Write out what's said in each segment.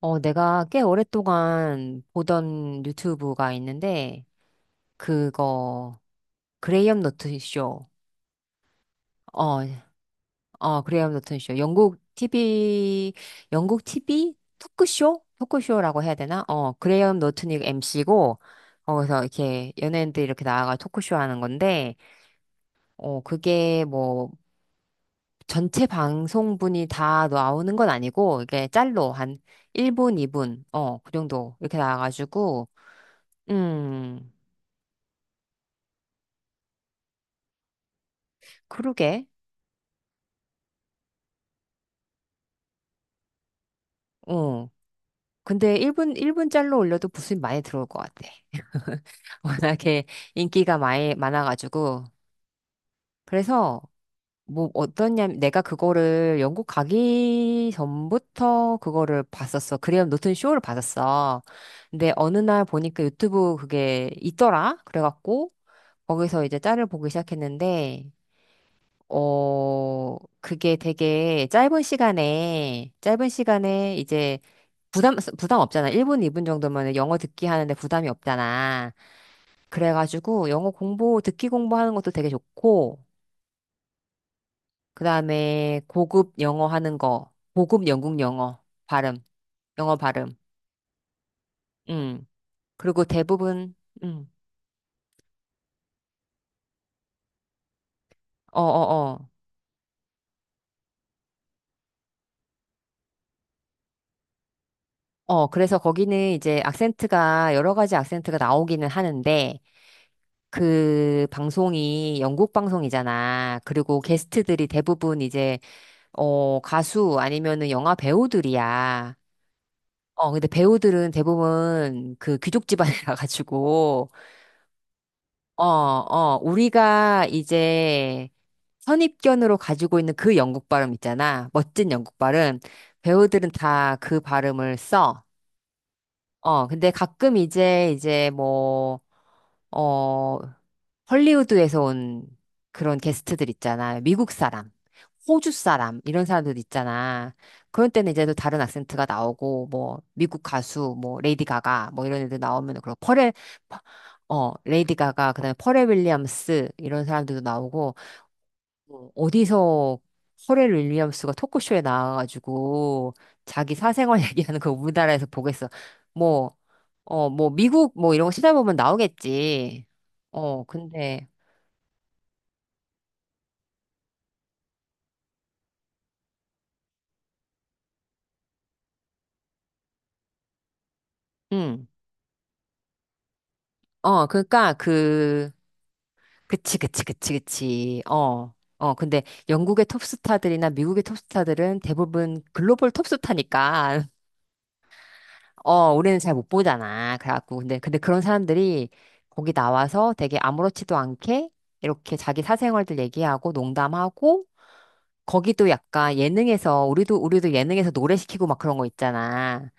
내가 꽤 오랫동안 보던 유튜브가 있는데, 그거, 그레이엄 노튼 쇼. 어, 그레이엄 노튼 쇼. 영국 TV, 영국 TV? 토크쇼? 토크쇼라고 해야 되나? 그레이엄 노튼이 MC고, 거기서 이렇게 연예인들 이렇게 이 나와가 토크쇼 하는 건데, 어, 그게 뭐, 전체 방송분이 다 나오는 건 아니고, 이게 짤로 한 1분, 2분, 그 정도 이렇게 나와가지고, 음. 그러게. 어. 근데 1분, 일분 짤로 올려도 부수입 많이 들어올 것 같아. 워낙에 인기가 많아가지고. 그래서, 내가 그거를 영국 가기 전부터 그거를 봤었어. 그레이엄 노튼 쇼를 봤었어. 근데 어느 날 보니까 유튜브 그게 있더라? 그래갖고, 거기서 이제 짤을 보기 시작했는데, 그게 되게 짧은 시간에 이제 부담 없잖아. 1분, 2분 정도면 영어 듣기 하는데 부담이 없잖아. 그래가지고 영어 공부, 듣기 공부하는 것도 되게 좋고, 그 다음에 고급 영어 하는 거, 고급 영국 영어, 발음, 영어 발음. 음. 그리고 대부분, 음. 어, 어, 어. 그래서 거기는 이제 악센트가, 여러 가지 악센트가 나오기는 하는데, 그 방송이 영국 방송이잖아. 그리고 게스트들이 대부분 이제 가수 아니면은 영화 배우들이야. 근데 배우들은 대부분 그 귀족 집안에 가가지고, 어, 어, 우리가 이제 선입견으로 가지고 있는 그 영국 발음 있잖아. 멋진 영국 발음. 배우들은 다 그 발음을 써. 근데 가끔 어, 헐리우드에서 온 그런 게스트들 있잖아. 미국 사람, 호주 사람, 이런 사람들 있잖아. 그런 때는 이제 또 다른 악센트가 나오고, 뭐, 미국 가수, 뭐, 레이디 가가, 뭐, 이런 애들 나오면, 그리고 펄에, 어, 레이디 가가, 그 다음에 펄에 윌리엄스, 이런 사람들도 나오고, 뭐 어디서 퍼렐 윌리엄스가 토크쇼에 나와가지고 자기 사생활 얘기하는 거 우리나라에서 보겠어. 뭐, 어, 뭐 미국 뭐 이런 거 찾아보면 나오겠지. 어, 근데, 응. 어, 그러니까 그, 그치, 그치, 그치, 그치. 어. 근데 영국의 톱스타들이나 미국의 톱스타들은 대부분 글로벌 톱스타니까 우리는 잘 못 보잖아. 그래갖고, 근데 그런 사람들이 거기 나와서 되게 아무렇지도 않게 이렇게 자기 사생활들 얘기하고 농담하고, 거기도 약간 예능에서, 우리도 예능에서 노래 시키고 막 그런 거 있잖아.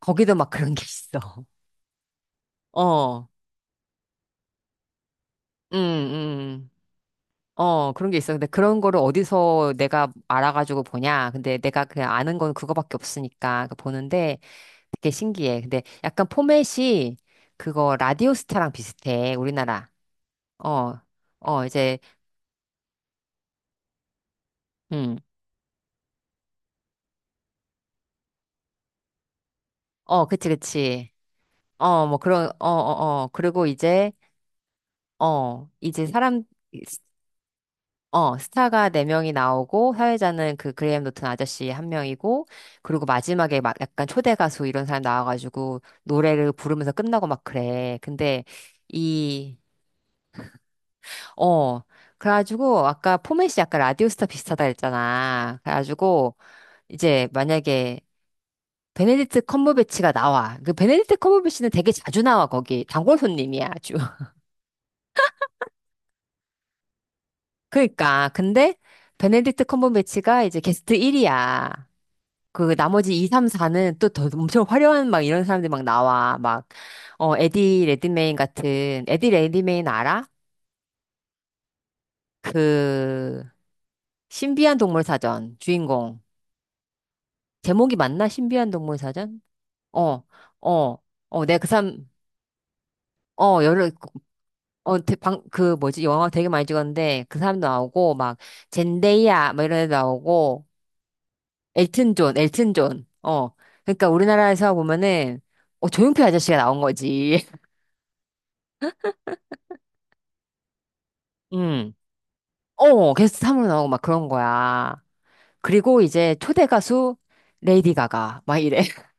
거기도 막 그런 게 있어. 어, 응, 응, 어, 그런 게 있어. 근데 그런 거를 어디서 내가 알아가지고 보냐. 근데 내가 그냥 아는 건 그거밖에 없으니까 그 보는데 되게 신기해. 근데 약간 포맷이 그거 라디오스타랑 비슷해. 우리나라. 어, 어, 이제, 음, 어, 그치, 그치. 어, 뭐, 그런, 어, 어, 어. 그리고 이제, 어, 이제 사람, 어, 스타가 네명이 나오고, 사회자는 그 그레이엄 노튼 아저씨 한명이고 그리고 마지막에 막 약간 초대 가수 이런 사람 나와가지고, 노래를 부르면서 끝나고 막 그래. 근데, 이, 어, 그래가지고, 아까 포맷이 약간 라디오스타 비슷하다 했잖아. 그래가지고, 이제 만약에, 베네딕트 컴버배치가 나와. 그 베네딕트 컴버배치는 되게 자주 나와 거기. 단골 손님이야 아주. 그러니까 근데 베네딕트 컴버배치가 이제 게스트 1이야. 그 나머지 2, 3, 4는 또 더 엄청 화려한 막 이런 사람들이 막 나와. 에디 레드메인 같은 에디 레드메인 알아? 그 신비한 동물 사전 주인공. 제목이 맞나? 신비한 동물 사전? 어. 어. 내가 그 사람, 어, 여러, 어, 대- 방, 그 뭐지? 영화 되게 많이 찍었는데 그 사람도 나오고 막 젠데이아 막 이런 애도 나오고 엘튼 존, 엘튼 존. 어. 그러니까 우리나라에서 보면은 조용필 아저씨가 나온 거지. 음. 어, 게스트 3으로 나오고 막 그런 거야. 그리고 이제 초대 가수 레이디 가가 막 이래.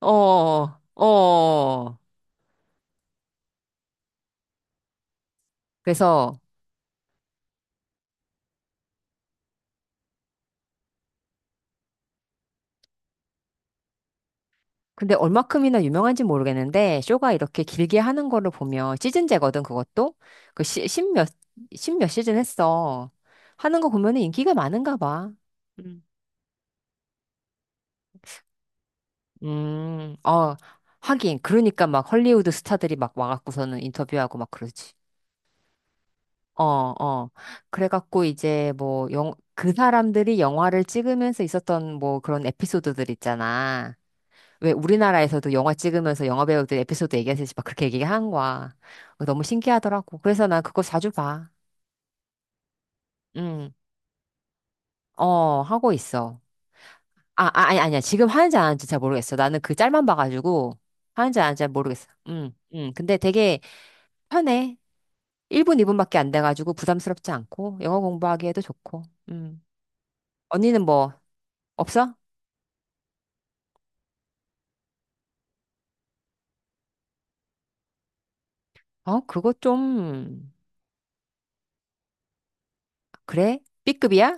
어. 어. 그래서 근데 얼마큼이나 유명한지 모르겠는데 쇼가 이렇게 길게 하는 거를 보면 시즌제거든 그것도 그 시, 십몇 십몇 시즌 했어 하는 거 보면은 인기가 많은가 봐. 음. 어, 하긴 그러니까 막 헐리우드 스타들이 막 와갖고서는 인터뷰하고 막 그러지. 어, 어. 그래갖고 그 사람들이 영화를 찍으면서 있었던 뭐 그런 에피소드들 있잖아. 왜 우리나라에서도 영화 찍으면서 영화 배우들 에피소드 얘기하듯이 막 그렇게 얘기한 거야. 어, 너무 신기하더라고. 그래서 난 그거 자주 봐. 응. 어, 하고 있어. 아니야. 지금 하는지 안 하는지 잘 모르겠어. 나는 그 짤만 봐가지고 하는지 안 하는지 잘 모르겠어. 응, 응. 근데 되게 편해. 1분, 2분밖에 안 돼가지고 부담스럽지 않고 영어 공부하기에도 좋고. 응. 언니는 뭐 없어? 어, 그거 좀 그래? B급이야?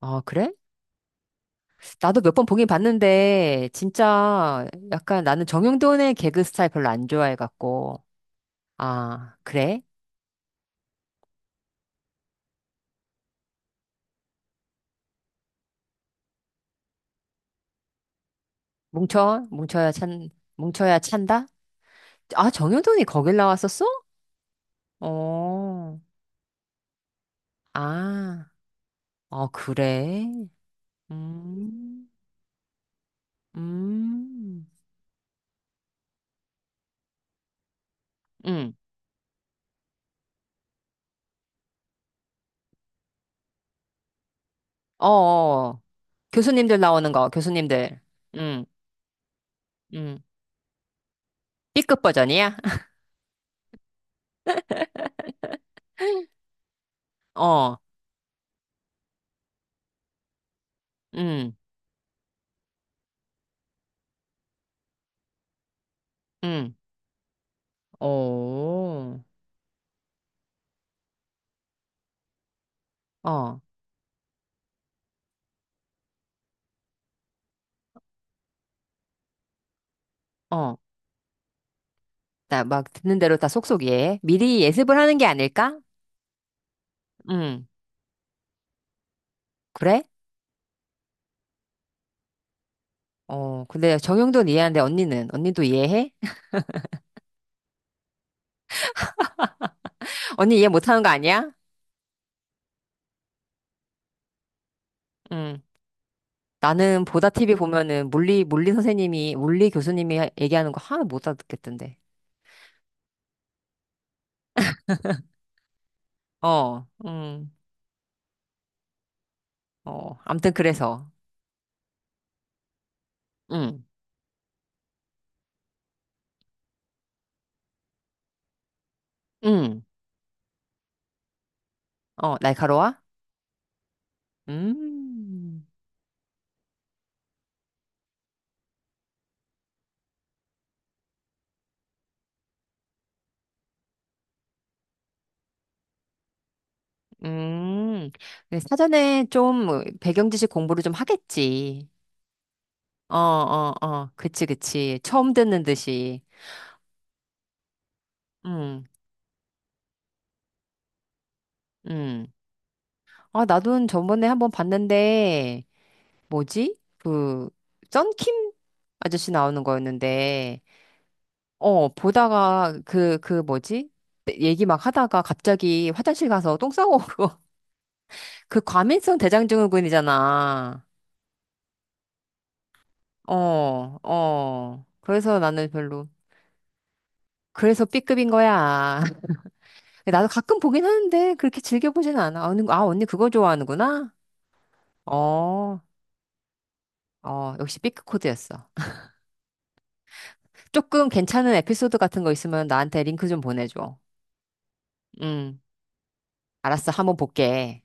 어, 그래? 나도 몇 번 보긴 봤는데, 진짜 약간 나는 정용돈의 개그 스타일 별로 안 좋아해갖고. 아, 그래? 뭉쳐? 뭉쳐야 찬, 뭉쳐야 찬다? 아, 정용돈이 거길 나왔었어? 어, 아, 어, 그래? 음, 음, 음, 어, 어. 어. 교수님들 나오는 거, 교수님들. 음, 음. B급 버전이야? 어, 음, 음, 오, 어, 어. 나 막 듣는 대로 다 속속이해. 미리 예습을 하는 게 아닐까? 응. 그래? 근데 정형돈 이해하는데 언니는? 언니도 이해해? 언니 이해 못하는 거 아니야? 응. 나는 보다 TV 보면은 물리 물리 교수님이 얘기하는 거 하나 못 알아듣겠던데. 어, 어, 암튼 그래서. 응, 응. 어, 날카로워? 음, 음. 근데 사전에 좀 뭐 배경 지식 공부를 좀 하겠지. 어, 어, 어. 그치, 그치. 처음 듣는 듯이. 응, 응. 아, 나도 저번에 한번 봤는데, 뭐지? 그, 썬킴 아저씨 나오는 거였는데, 보다가 그, 그 뭐지? 얘기 막 하다가 갑자기 화장실 가서 똥 싸고, 그 과민성 대장증후군이잖아. 어, 어. 그래서 나는 별로. 그래서 B급인 거야. 나도 가끔 보긴 하는데, 그렇게 즐겨보진 않아. 아, 언니 그거 좋아하는구나? 어, 어, 역시 삐크 코드였어. 조금 괜찮은 에피소드 같은 거 있으면 나한테 링크 좀 보내줘. 응, 알았어. 한번 볼게.